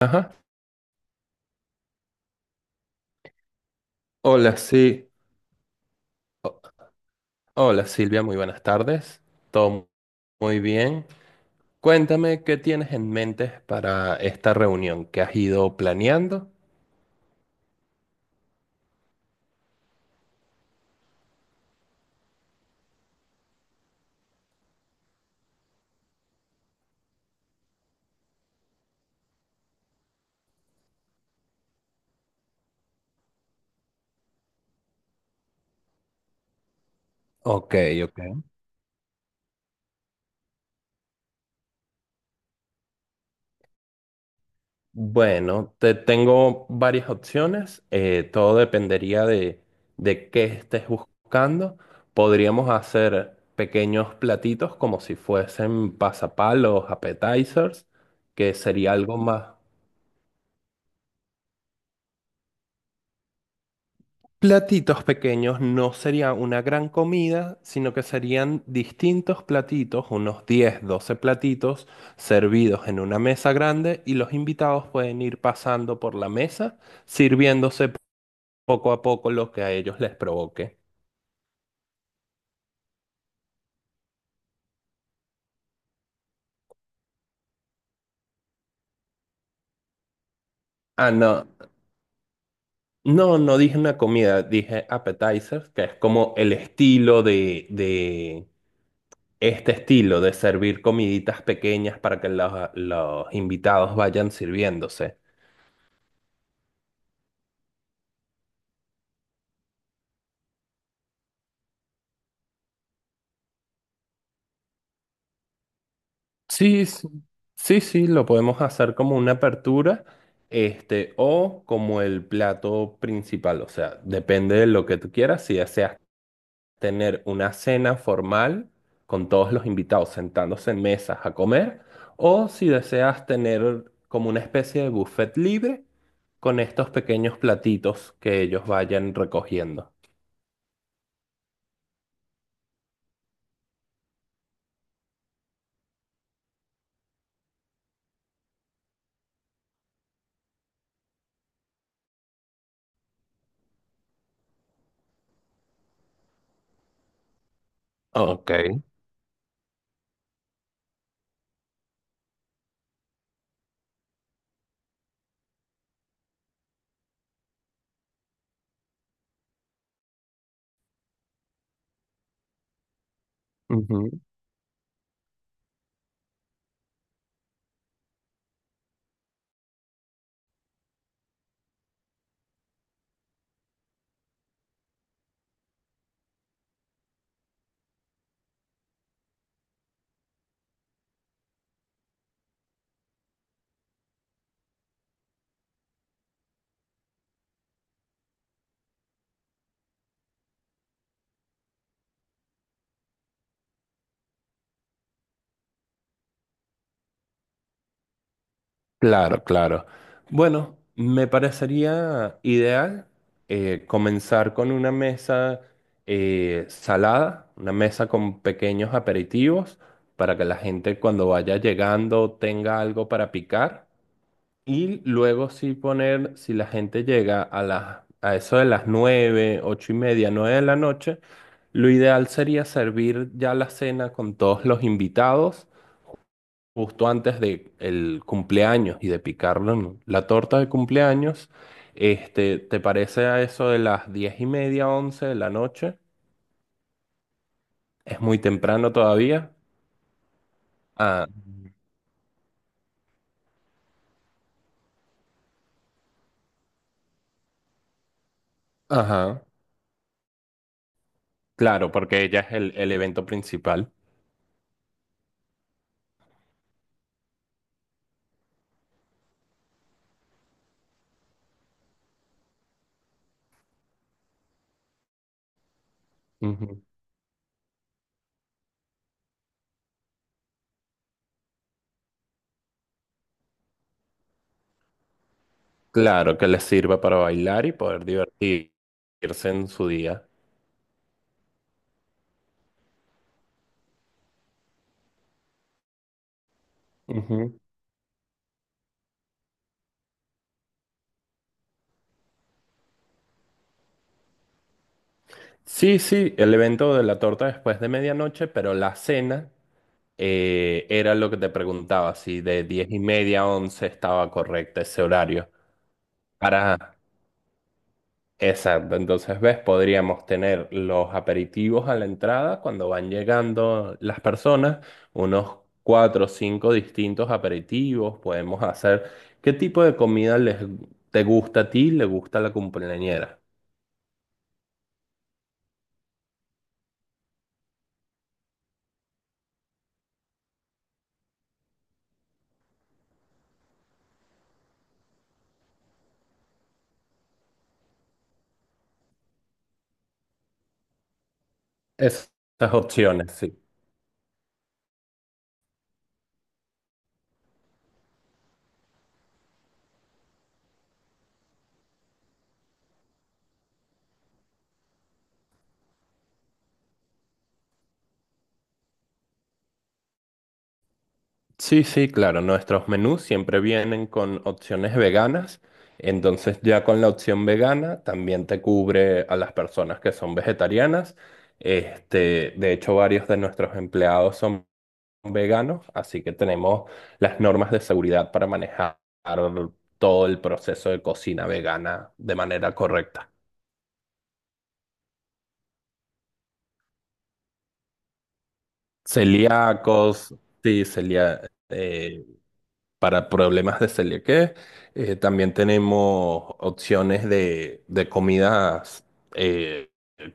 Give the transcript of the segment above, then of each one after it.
Ajá. Hola, sí. O- Hola, Silvia, muy buenas tardes. Todo muy bien. Cuéntame qué tienes en mente para esta reunión que has ido planeando. Ok, ok. Bueno, te tengo varias opciones. Todo dependería de qué estés buscando. Podríamos hacer pequeños platitos como si fuesen pasapalos, appetizers, que sería algo más. Platitos pequeños no sería una gran comida, sino que serían distintos platitos, unos 10, 12 platitos servidos en una mesa grande y los invitados pueden ir pasando por la mesa, sirviéndose poco a poco lo que a ellos les provoque. Ah, no, no, no dije una comida, dije appetizers, que es como el estilo de estilo de servir comiditas pequeñas para que los invitados vayan sirviéndose. Sí, sí, sí, lo podemos hacer como una apertura, este, o como el plato principal, o sea, depende de lo que tú quieras, si deseas tener una cena formal con todos los invitados sentándose en mesas a comer, o si deseas tener como una especie de buffet libre con estos pequeños platitos que ellos vayan recogiendo. Ok. Claro, claro. Bueno, me parecería ideal comenzar con una mesa salada, una mesa con pequeños aperitivos para que la gente cuando vaya llegando tenga algo para picar y luego sí poner, si la gente llega a a eso de las nueve, ocho y media, nueve de la noche, lo ideal sería servir ya la cena con todos los invitados justo antes de el cumpleaños y de picarlo en la torta de cumpleaños, este, ¿te parece a eso de las diez y media, once de la noche? ¿Es muy temprano todavía? Ah, ajá, claro, porque ya es el evento principal. Ujú. Claro, que les sirva para bailar y poder divertirse en su día. Ujú. Sí, sí, el evento de la torta después de medianoche, pero la cena. Era lo que te preguntaba, si de 10 y media a 11 estaba correcto ese horario. Para, exacto, entonces ves, podríamos tener los aperitivos a la entrada cuando van llegando las personas, unos cuatro o cinco distintos aperitivos, podemos hacer qué tipo de comida les, te gusta a ti, le gusta a la cumpleañera. Esas opciones, sí. Sí, sí, claro. Nuestros menús siempre vienen con opciones veganas. Entonces ya con la opción vegana también te cubre a las personas que son vegetarianas. Este, de hecho, varios de nuestros empleados son veganos, así que tenemos las normas de seguridad para manejar todo el proceso de cocina vegana de manera correcta. Celíacos, sí, celíacos para problemas de celiaquía. También tenemos opciones de comidas eh,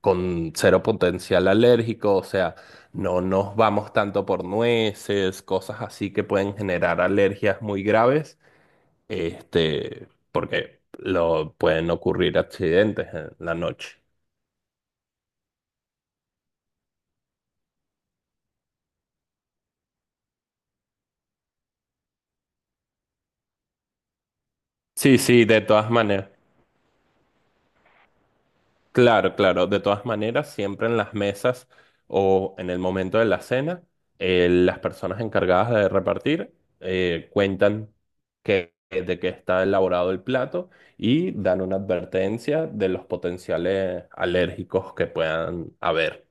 con cero potencial alérgico, o sea, no nos vamos tanto por nueces, cosas así que pueden generar alergias muy graves, este, porque lo, pueden ocurrir accidentes en la noche. Sí, sí, de todas maneras. Claro, claro. De todas maneras, siempre en las mesas o en el momento de la cena, las personas encargadas de repartir cuentan que, de qué está elaborado el plato y dan una advertencia de los potenciales alérgicos que puedan haber.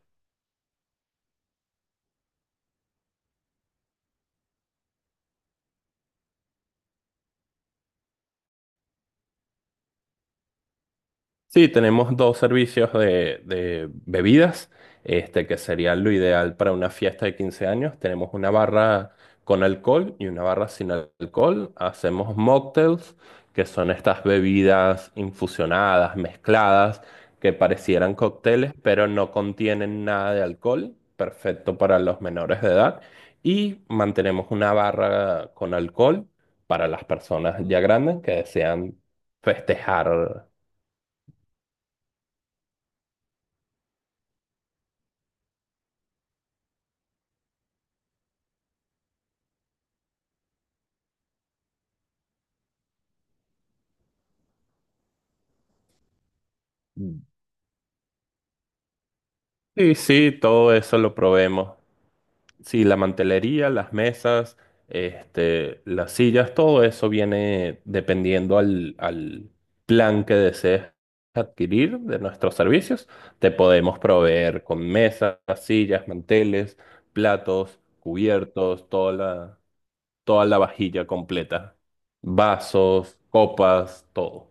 Sí, tenemos dos servicios de bebidas, este, que sería lo ideal para una fiesta de 15 años. Tenemos una barra con alcohol y una barra sin alcohol. Hacemos mocktails, que son estas bebidas infusionadas, mezcladas, que parecieran cócteles, pero no contienen nada de alcohol, perfecto para los menores de edad. Y mantenemos una barra con alcohol para las personas ya grandes que desean festejar. Sí, sí, todo eso lo probemos. Sí, la mantelería, las mesas, este, las sillas, todo eso viene dependiendo al plan que desees adquirir de nuestros servicios. Te podemos proveer con mesas, sillas, manteles, platos, cubiertos, toda la vajilla completa, vasos, copas, todo.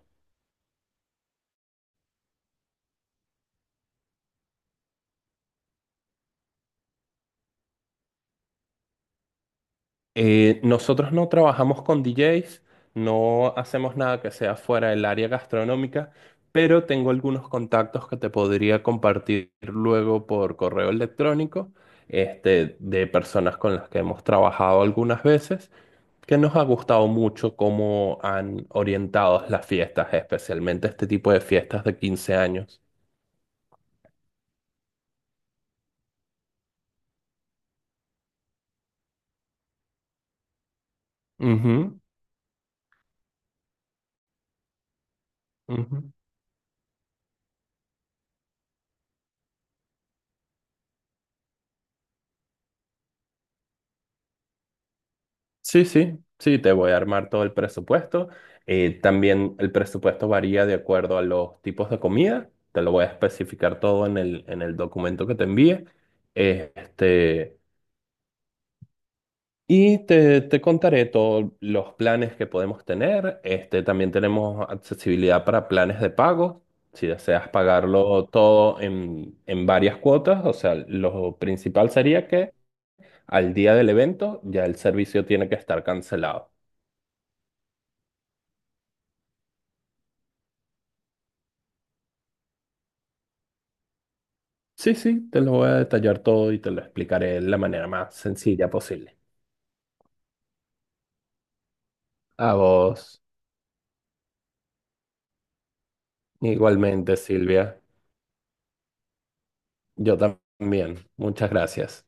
Nosotros no trabajamos con DJs, no hacemos nada que sea fuera del área gastronómica, pero tengo algunos contactos que te podría compartir luego por correo electrónico, este, de personas con las que hemos trabajado algunas veces, que nos ha gustado mucho cómo han orientado las fiestas, especialmente este tipo de fiestas de 15 años. Ujú, ujú. Sí, sí, sí, te voy a armar todo el presupuesto. También el presupuesto varía de acuerdo a los tipos de comida. Te lo voy a especificar todo en en el documento que te envíe. Este, y te contaré todos los planes que podemos tener. Este, también tenemos accesibilidad para planes de pago. Si deseas pagarlo todo en varias cuotas, o sea, lo principal sería que al día del evento ya el servicio tiene que estar cancelado. Sí, sí, te lo voy a detallar todo y te lo explicaré de la manera más sencilla posible. A vos, igualmente, Silvia. Yo también. Muchas gracias.